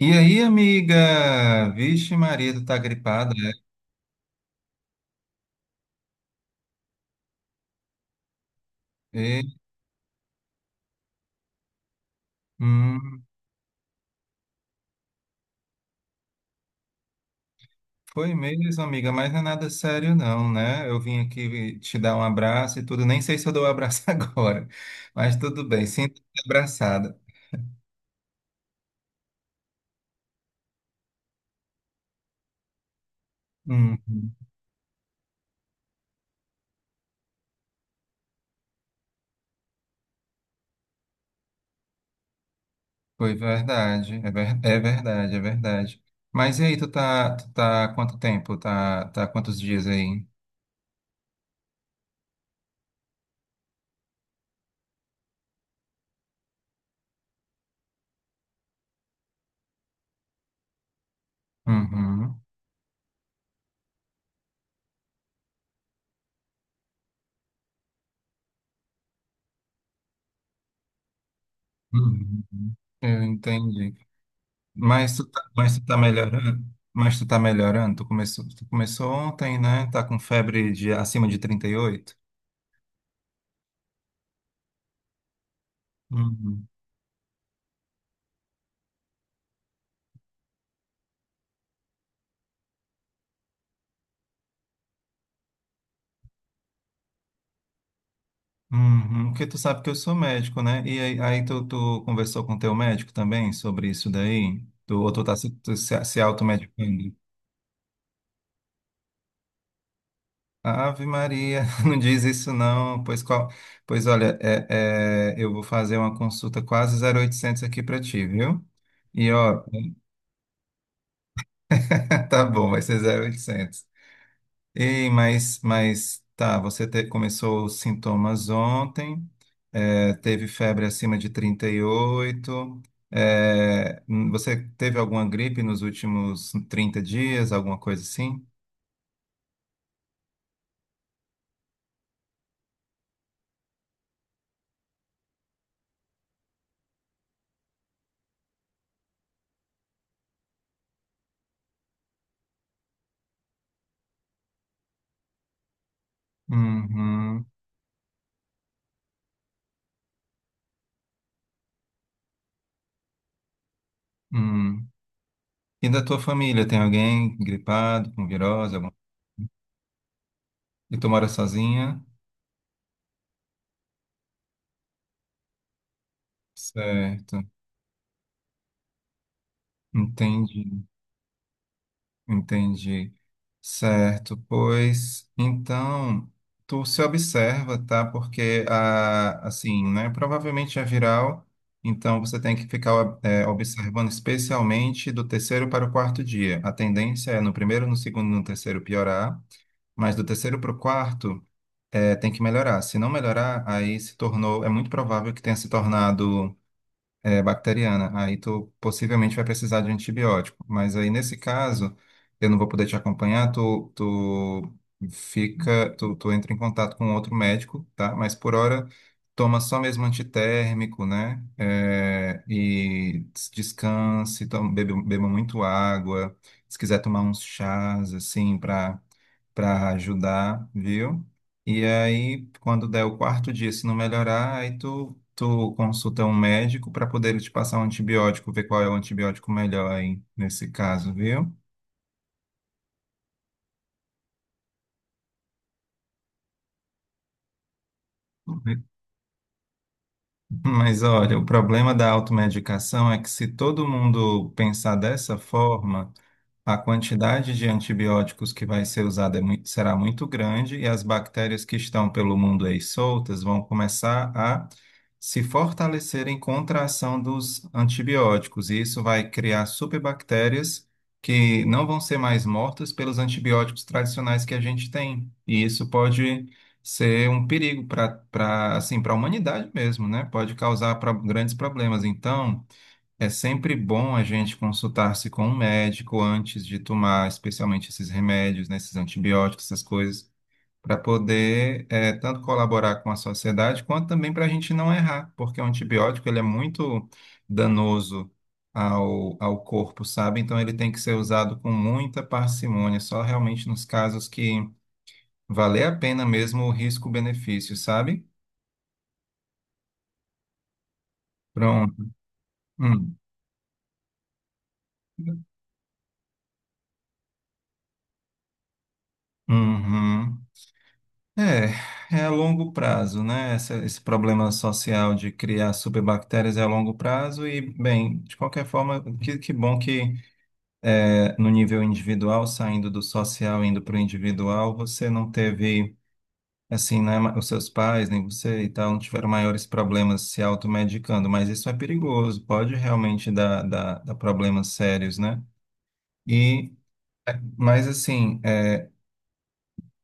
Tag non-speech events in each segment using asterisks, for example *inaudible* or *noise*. E aí, amiga? Vixe, Maria, tu tá gripada, é? E, hum, Foi mesmo, amiga, mas não é nada sério, não, né? Eu vim aqui te dar um abraço e tudo. Nem sei se eu dou um abraço *laughs* agora, mas tudo bem, sinto me abraçada. Hum, Foi verdade, é verdade, é verdade. Mas e aí, tu tá há quanto tempo? Tá há quantos dias aí? Uhum. Uhum. Uhum. Eu entendi. Mas tu tá melhorando? Mas tu tá melhorando? Tu começou ontem, né? Tá com febre de acima de 38? Uhum. Uhum. Porque tu sabe que eu sou médico, né? E aí, tu conversou com teu médico também sobre isso daí? Tu, ou tu tá se, tu se, se automedicando? Ave Maria, *laughs* não diz isso não. Pois olha, eu vou fazer uma consulta quase 0800 aqui pra ti, viu? E ó, *laughs* tá bom, vai ser 0800. Ei, mas tá, começou os sintomas ontem, teve febre acima de 38, você teve alguma gripe nos últimos 30 dias, alguma coisa assim? Uhum, hum. E da tua família, tem alguém gripado, com virose, alguma. E tu mora sozinha? Certo, entendi. Entendi. Certo, pois então tu se observa, tá? Porque assim, né? Provavelmente é viral, então você tem que ficar observando especialmente do terceiro para o quarto dia. A tendência é no primeiro, no segundo, no terceiro piorar, mas do terceiro para o quarto tem que melhorar. Se não melhorar, aí se tornou, é muito provável que tenha se tornado bacteriana. Aí tu possivelmente vai precisar de antibiótico. Mas aí nesse caso, eu não vou poder te acompanhar, tu fica, tu entra em contato com outro médico, tá? Mas por hora toma só mesmo antitérmico, né? E descanse, toma, beba muito água. Se quiser tomar uns chás, assim, para ajudar, viu? E aí, quando der o quarto dia, se não melhorar, aí tu consulta um médico para poder ele te passar um antibiótico, ver qual é o antibiótico melhor aí nesse caso, viu? *laughs* Mas olha, o problema da automedicação é que se todo mundo pensar dessa forma, a quantidade de antibióticos que vai ser usada será muito grande e as bactérias que estão pelo mundo aí soltas vão começar a se fortalecerem contra a ação dos antibióticos. E isso vai criar superbactérias que não vão ser mais mortas pelos antibióticos tradicionais que a gente tem. E isso pode ser um perigo para para a humanidade mesmo, né? Pode causar grandes problemas. Então, é sempre bom a gente consultar-se com um médico antes de tomar, especialmente esses remédios, né, esses antibióticos, essas coisas, para poder tanto colaborar com a sociedade quanto também para a gente não errar, porque o antibiótico ele é muito danoso ao corpo, sabe? Então ele tem que ser usado com muita parcimônia, só realmente nos casos que valer a pena mesmo o risco-benefício, sabe? Pronto. Hum. Uhum. É a longo prazo, né? Esse problema social de criar superbactérias é a longo prazo e, bem, de qualquer forma, que bom que no nível individual, saindo do social, indo para o individual, você não teve, assim, né, os seus pais, nem você e tal, não tiveram maiores problemas se automedicando, mas isso é perigoso, pode realmente dar problemas sérios, né? E, mas assim.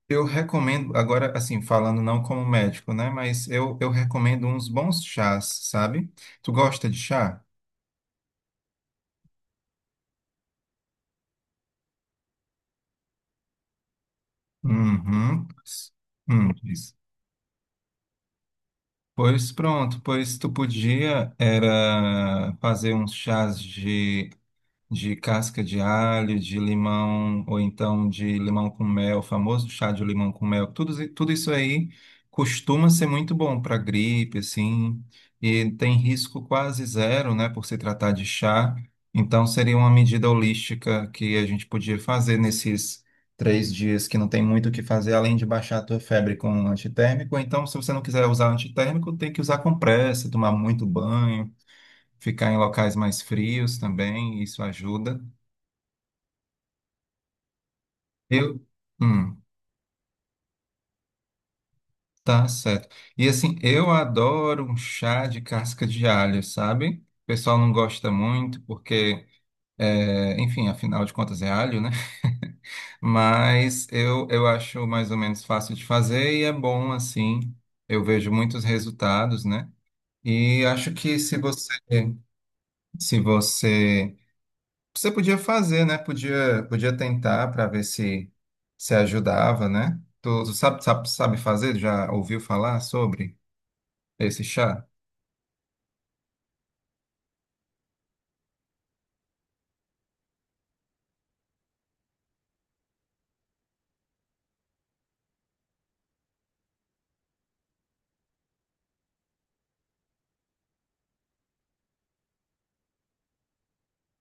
Eu recomendo, agora, assim, falando não como médico, né? Mas eu recomendo uns bons chás, sabe? Tu gosta de chá? Uhum. Isso. Pois pronto, pois tu podia era fazer uns chás de casca de alho, de limão, ou então de limão com mel, o famoso chá de limão com mel. Tudo isso aí costuma ser muito bom para gripe, assim, e tem risco quase zero, né, por se tratar de chá. Então, seria uma medida holística que a gente podia fazer nesses 3 dias que não tem muito o que fazer, além de baixar a tua febre com um antitérmico. Ou então, se você não quiser usar antitérmico, tem que usar compressa, tomar muito banho, ficar em locais mais frios também, isso ajuda. Eu, hum, tá certo. E assim, eu adoro um chá de casca de alho, sabe? O pessoal não gosta muito porque, enfim, afinal de contas é alho, né? *laughs* Mas eu acho mais ou menos fácil de fazer e é bom assim. Eu vejo muitos resultados, né? E acho que se você, você podia fazer, né? Podia tentar para ver se ajudava, né? Tu sabe fazer? Já ouviu falar sobre esse chá?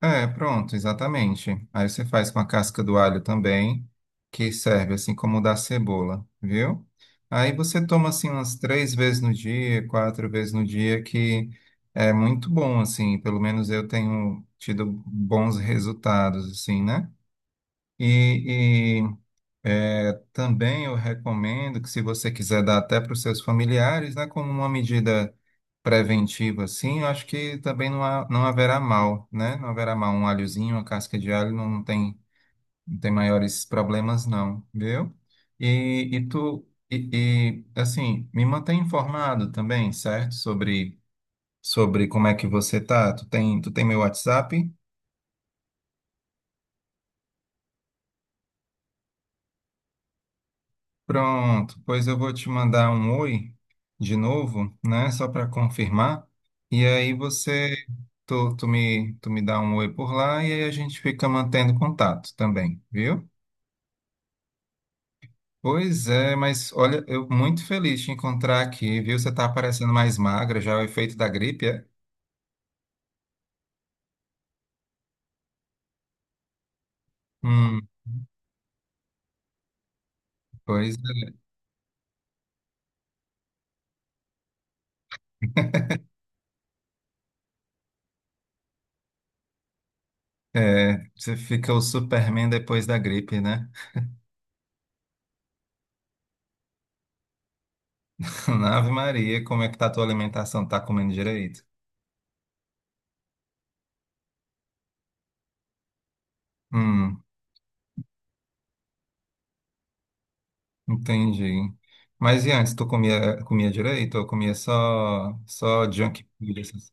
É, pronto, exatamente. Aí você faz com a casca do alho também, que serve assim como o da cebola, viu? Aí você toma assim umas 3 vezes no dia, 4 vezes no dia, que é muito bom, assim. Pelo menos eu tenho tido bons resultados, assim, né? E, Também eu recomendo que, se você quiser dar até para os seus familiares, né, como uma medida preventiva, assim, eu acho que também não, não haverá mal, né? Não haverá mal. Um alhozinho, uma casca de alho não tem maiores problemas, não, viu? Assim, me mantém informado também, certo? Sobre como é que você tá. Tu tem meu WhatsApp? Pronto, pois eu vou te mandar um oi de novo, né? Só para confirmar. E aí você, tu, tu me dá um oi por lá e aí a gente fica mantendo contato também, viu? Pois é, mas olha, eu muito feliz de te encontrar aqui, viu? Você tá parecendo mais magra, já é o efeito da gripe, é? Hum, pois é. *laughs* É, você fica o Superman depois da gripe, né? *laughs* Ave Maria, como é que tá a tua alimentação? Tá comendo direito? Hum. Entendi. Mas e antes, tu comia direito ou comia só junk food?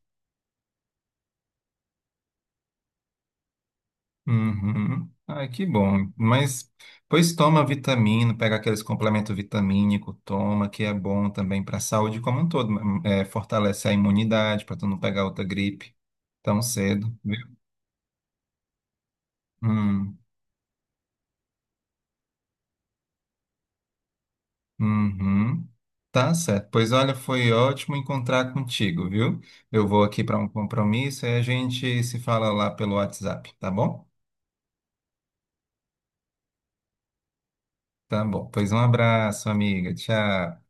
Uhum. Ai, que bom. Mas, pois toma vitamina, pega aqueles complementos vitamínico, toma, que é bom também para a saúde como um todo. Fortalece a imunidade para tu não pegar outra gripe tão cedo, viu? Hum, uhum. Tá certo. Pois olha, foi ótimo encontrar contigo, viu? Eu vou aqui para um compromisso e a gente se fala lá pelo WhatsApp, tá bom? Tá bom. Pois um abraço, amiga. Tchau.